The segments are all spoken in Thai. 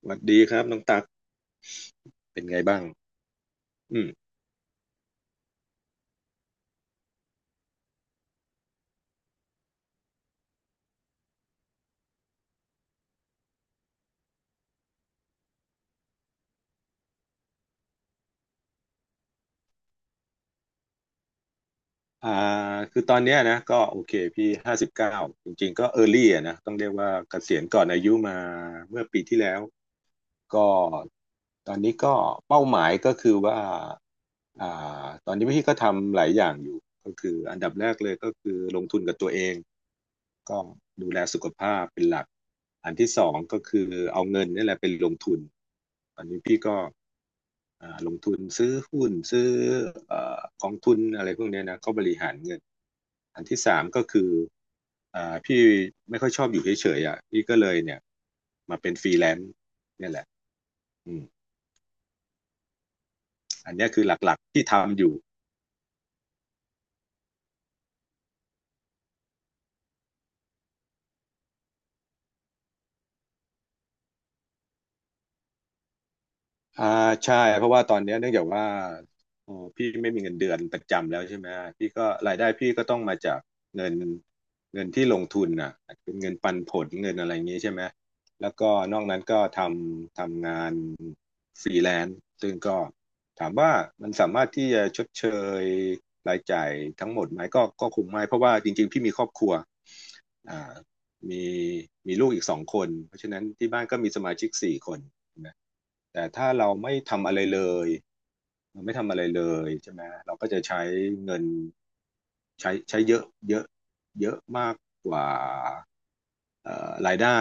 สวัสดีครับน้องตักเป็นไงบ้าง อืมอ่าคือตอนเนี้ยนะก็โอเคพี่59จริงๆก็เออร์ลี่อะนะต้องเรียกว่าเกษียณก่อนอายุมาเมื่อปีที่แล้วก็ตอนนี้ก็เป้าหมายก็คือว่า อ่ตอนนี้พี่ก็ทำหลายอย่างอยู่ก็คืออันดับแรกเลยก็คือลงทุนกับตัวเองก็ดูแลสุขภาพเป็นหลักอันที่สองก็คือเอาเงินนี่แหละเป็นลงทุนตอนนี้พี่ก็ ลงทุนซื้อหุ้นซื้อกองทุนอะไรพวกเนี้ยนะเขาบริหารเงินอันที่สามก็คือพี่ไม่ค่อยชอบอยู่เฉยๆอ่ะพี่ก็เลยเนี่ยมาเป็นฟรีแลนซ์เนี่ยแหละอืมอันเนี้ยคือหลักๆที่ทำอยู่ อ่าใช่เพราะว่าตอนเนี้ยเนื่องจากว่าพี่ไม่มีเงินเดือนประจำแล้วใช่ไหมพี่ก็รายได้พี่ก็ต้องมาจากเงินที่ลงทุนน่ะเป็นเงินปันผลเงินอะไรอย่างงี้ใช่ไหมแล้วก็นอกนั้นก็ทำงานฟรีแลนซ์ซึ่งก็ถามว่ามันสามารถที่จะชดเชยรายจ่ายทั้งหมดไหมก็คงไม่เพราะว่าจริงๆพี่มีครอบครัวอ่ามีมีลูกอีกสองคนเพราะฉะนั้นที่บ้านก็มีสมาชิกสี่คน แต่ถ้าเราไม่ทำอะไรเลยเราไม่ทำอะไรเลยใช่ไหมเราก็จะใช้เงินใช้เยอะเยอะเยอะมากกว่ารายได้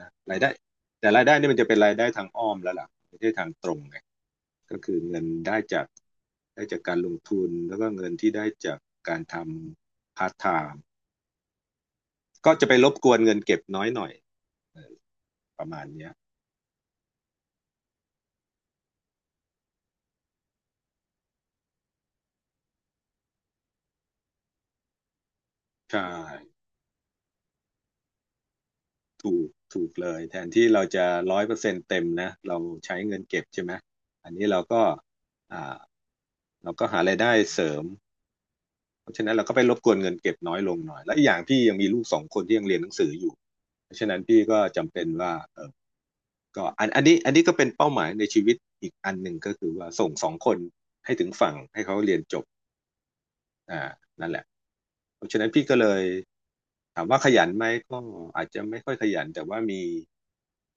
นะรายได้แต่รายได้นี่มันจะเป็นรายได้ทางอ้อมแล้วล่ะไม่ใช่ทางตรงไงก็คือเงินได้จากการลงทุนแล้วก็เงินที่ได้จากการทำพาร์ทไทม์ก็จะไปรบกวนเงินเก็บน้อยหน่อยประมาณเนี้ยใช่ ถูกถูกเลยแทนที่เราจะ100%เต็มนะเราใช้เงินเก็บใช่ไหมอันนี้เราก็อ่าเราก็หารายได้เสริมเพราะฉะนั้นเราก็ไปรบกวนเงินเก็บน้อยลงหน่อยและอีกอย่างพี่ยังมีลูกสองคนที่ยังเรียนหนังสืออยู่เพราะฉะนั้นพี่ก็จำเป็นว่าก็อันนี้ก็เป็นเป้าหมายในชีวิตอีกอันหนึ่งก็คือว่าส่งสองคนให้ถึงฝั่งให้เขาเรียนจบ อ่านั่นแหละเพราะฉะนั้นพี่ก็เลยถามว่าขยันไหมก็อาจจะไม่ค่อยขยันแต่ว่ามี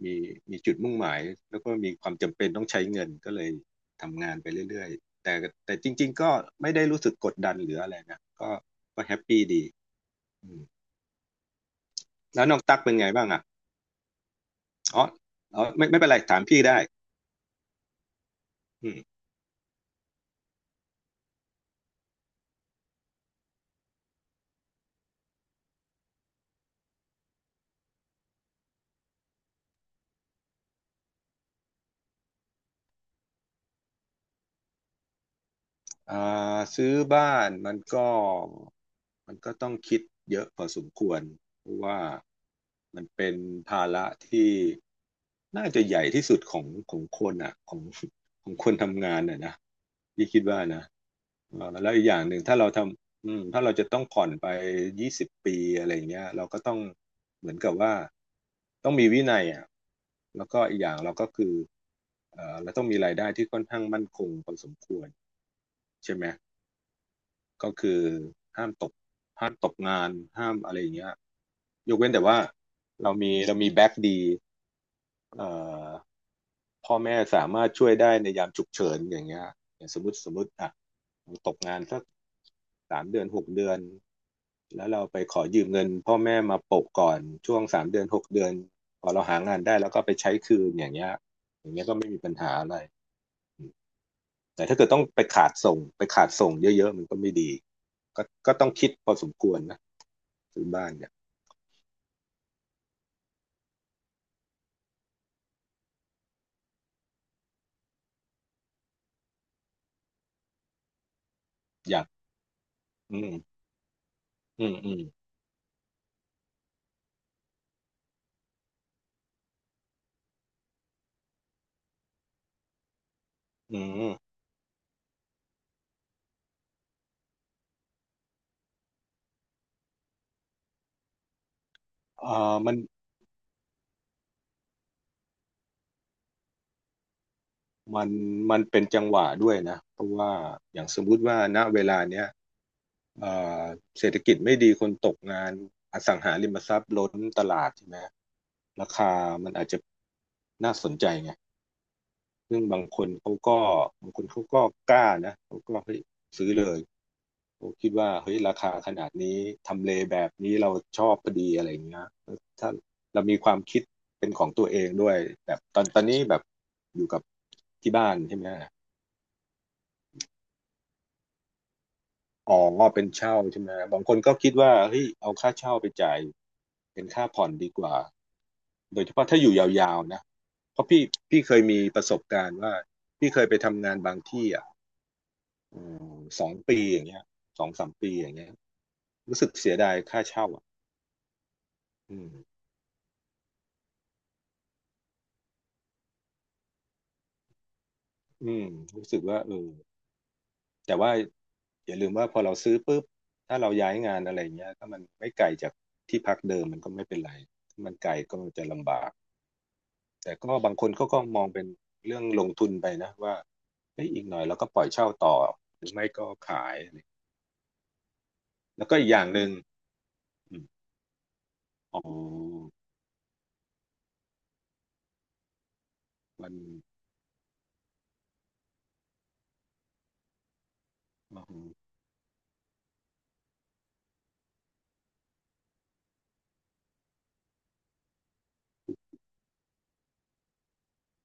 มีจุดมุ่งหมายแล้วก็มีความจำเป็นต้องใช้เงินก็เลยทำงานไปเรื่อยๆแต่จริงๆก็ไม่ได้รู้สึกกดดันหรืออะไรนะก็แฮปปี้ดีอืมแล้วน้องตั๊กเป็นไงบ้างอ่ะอ๋ออ๋อไม่ไม่เป็นไรถามพี่ได้อืม อ่าซื้อบ้านมันก็ต้องคิดเยอะพอสมควรเพราะว่ามันเป็นภาระที่น่าจะใหญ่ที่สุดของคนอ่ะของคนทำงานอ่ะนะพี่คิดว่านะแล้วอีกอย่างหนึ่งถ้าเราทำถ้าเราจะต้องผ่อนไป20 ปีอะไรอย่างเงี้ยเราก็ต้องเหมือนกับว่าต้องมีวินัยอ่ะแล้วก็อีกอย่างเราก็คือเราต้องมีรายได้ที่ค่อนข้างมั่นคงพอสมควรใช่ไหม ก็คือห้ามตกห้ามตกงานห้ามอะไรอย่างเงี้ยยกเว้นแต่ว่าเรามีแบ็กดีเอ่อพ่อแม่สามารถช่วยได้ในยามฉุกเฉินอย่างเงี้ยอย่างสมมติอ่ะตกงานสักสามเดือนหกเดือนแล้วเราไปขอยืมเงินพ่อแม่มาโปะก่อนช่วงสามเดือนหกเดือนพอเราหางานได้แล้วก็ไปใช้คืนอย่างเงี้ยอย่างเงี้ยก็ไม่มีปัญหาอะไรแต่ถ้าเกิดต้องไปขาดส่งเยอะๆมันก็ไม่ดีก็ต้องคิดพอสมควรนะซื้อบ้านเนี่ย อยากอืมอืมอืมอืมเอ่อมันมันมันเป็นจังหวะด้วยนะ เพราะว่าอย่างสมมุติว่าณเวลาเนี้ยเอ่อเศรษฐกิจไม่ดีคนตกงานอสังหาริมทรัพย์ล้นตลาดใช่ไหมราคามันอาจจะน่าสนใจไงซึ่งบางคนเขาก็บางคนเขาก็กล้านะ เขาก็เฮ้ยซื้อเลย ผมคิดว่าเฮ้ยราคาขนาดนี้ทำเลแบบนี้เราชอบพอดีอะไรอย่างเงี้ยถ้าเรามีความคิดเป็นของตัวเองด้วยแบบตอนนี้แบบอยู่กับที่บ้านใช่ไหมอ๋อเป็นเช่าใช่ไหมบางคนก็คิดว่าเฮ้ยเอาค่าเช่าไปจ่ายเป็นค่าผ่อนดีกว่าโดยเฉพาะถ้าอยู่ยาวๆนะเพราะพี่เคยมีประสบการณ์ว่าพี่เคยไปทำงานบางที่อ่ะอืสองปีอย่างเงี้ยสองสามปีอย่างเงี้ยรู้สึกเสียดายค่าเช่าอ่ะอืม อืมรู้สึกว่าเออแต่ว่าอย่าลืมว่าพอเราซื้อปุ๊บถ้าเราย้ายงานอะไรเงี้ยถ้ามันไม่ไกลจากที่พักเดิมมันก็ไม่เป็นไรถ้ามันไกลก็จะลำบากแต่ก็บางคนเขาก็มองเป็นเรื่องลงทุนไปนะว่าเฮ้ยอีกหน่อยเราก็ปล่อยเช่าต่อหรือไม่ก็ขายอะไรแล้วก็อีกอย่างหนึ่งอมอ๋อมันอ๋อ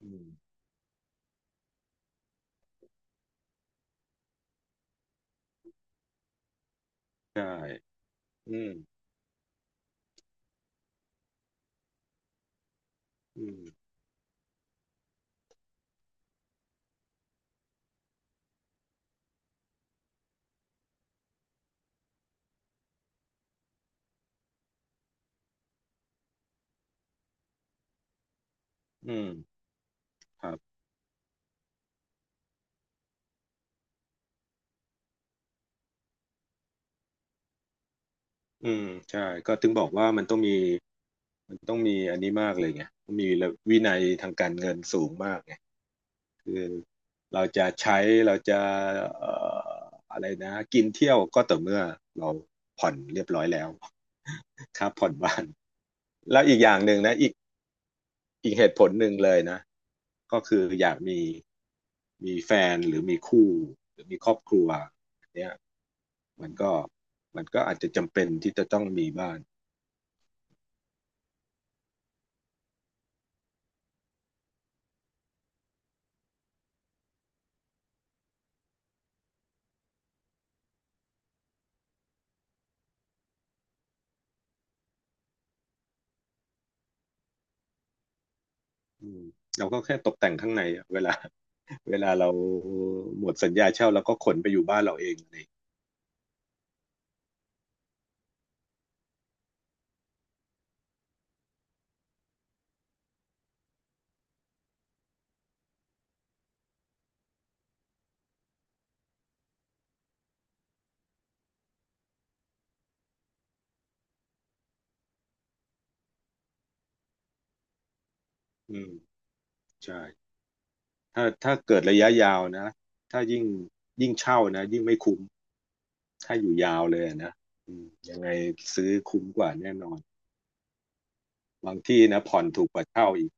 อืมใช่อืมอืมอืมครับอืมใช่ก็ถึงบอกว่ามันต้องมีอันนี้มากเลยไงต้องมีวินัยทางการเงินสูงมากไงคือเราจะใช้เราจะเอ่ออะไรนะกินเที่ยวก็ต่อเมื่อเราผ่อนเรียบร้อยแล้ว ครับผ่อนบ้านแล้วอีกอย่างหนึ่งนะอีกเหตุผลหนึ่งเลยนะก็คืออยากมีแฟนหรือมีคู่หรือมีครอบครัวเนี่ยมันก็มันก็อาจจะจำเป็นที่จะต้องมีบ้านอืมเราก็แค่ตกแต่งข้างในอะเวลาเราหมดสัญญาเช่าเราก็ขนไปอยู่บ้านเราเองนี่อืมใช่ถ้าเกิดระยะยาวนะถ้ายิ่งเช่านะยิ่งไม่คุ้มถ้าอยู่ยาวเลยอะนะอืมยังไงซื้อคุ้มกว่าแน่นอนบางที่นะผ่อนถูกกว่าเช่าอีก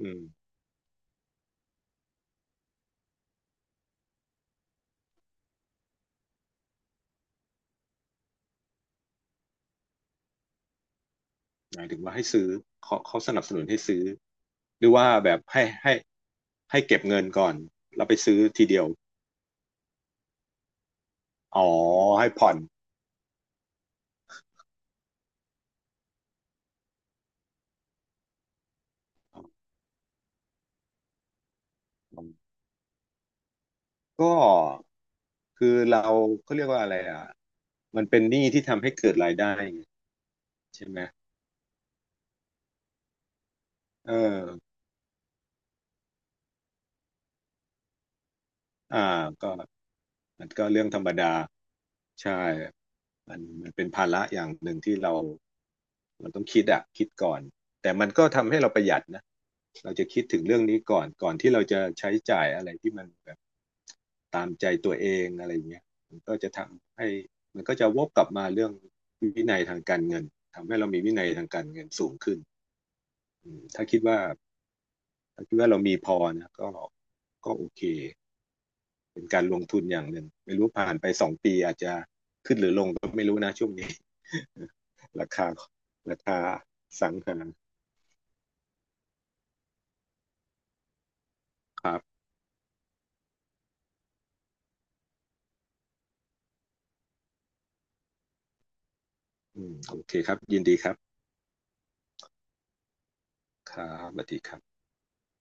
อืมหมายถึงว่าให้ซื้อเขาเขาสนับสนุนให้ซื้อหรือว่าแบบให้เก็บเงินก่อนแล้วไปซื้อทีเดียวอ๋อให้ผ่อนก็คือเราเขาเรียกว่าอะไรอ่ะ มันเป็นหนี้ที่ทำให้เกิดรายได้ไงใช่ไหมเอออ่าก็มันก็เรื่องธรรมดา ใช่ มันมันเป็นภาระอย่างหนึ่งที่เรามันต้องคิดก่อนแต่มันก็ทำให้เราประหยัดนะเราจะคิดถึงเรื่องนี้ก่อนที่เราจะใช้จ่ายอะไรที่มันแบบตามใจตัวเองอะไรอย่างเงี้ยมันก็จะทำให้มันก็จะวกกลับมาเรื่องวินัยทางการเงินทำให้เรามีวินัยทางการเงินสูงขึ้นอืมถ้าคิดว่าเรามีพอนะก็โอเคเป็นการลงทุนอย่างหนึ่งไม่รู้ผ่านไปสองปีอาจจะขึ้นหรือลงก็ไม่รู้นะช่วงนี้ ราคาราคาสังหาครับอืมโอเคครับยินดีครับครับสวัสดีครับ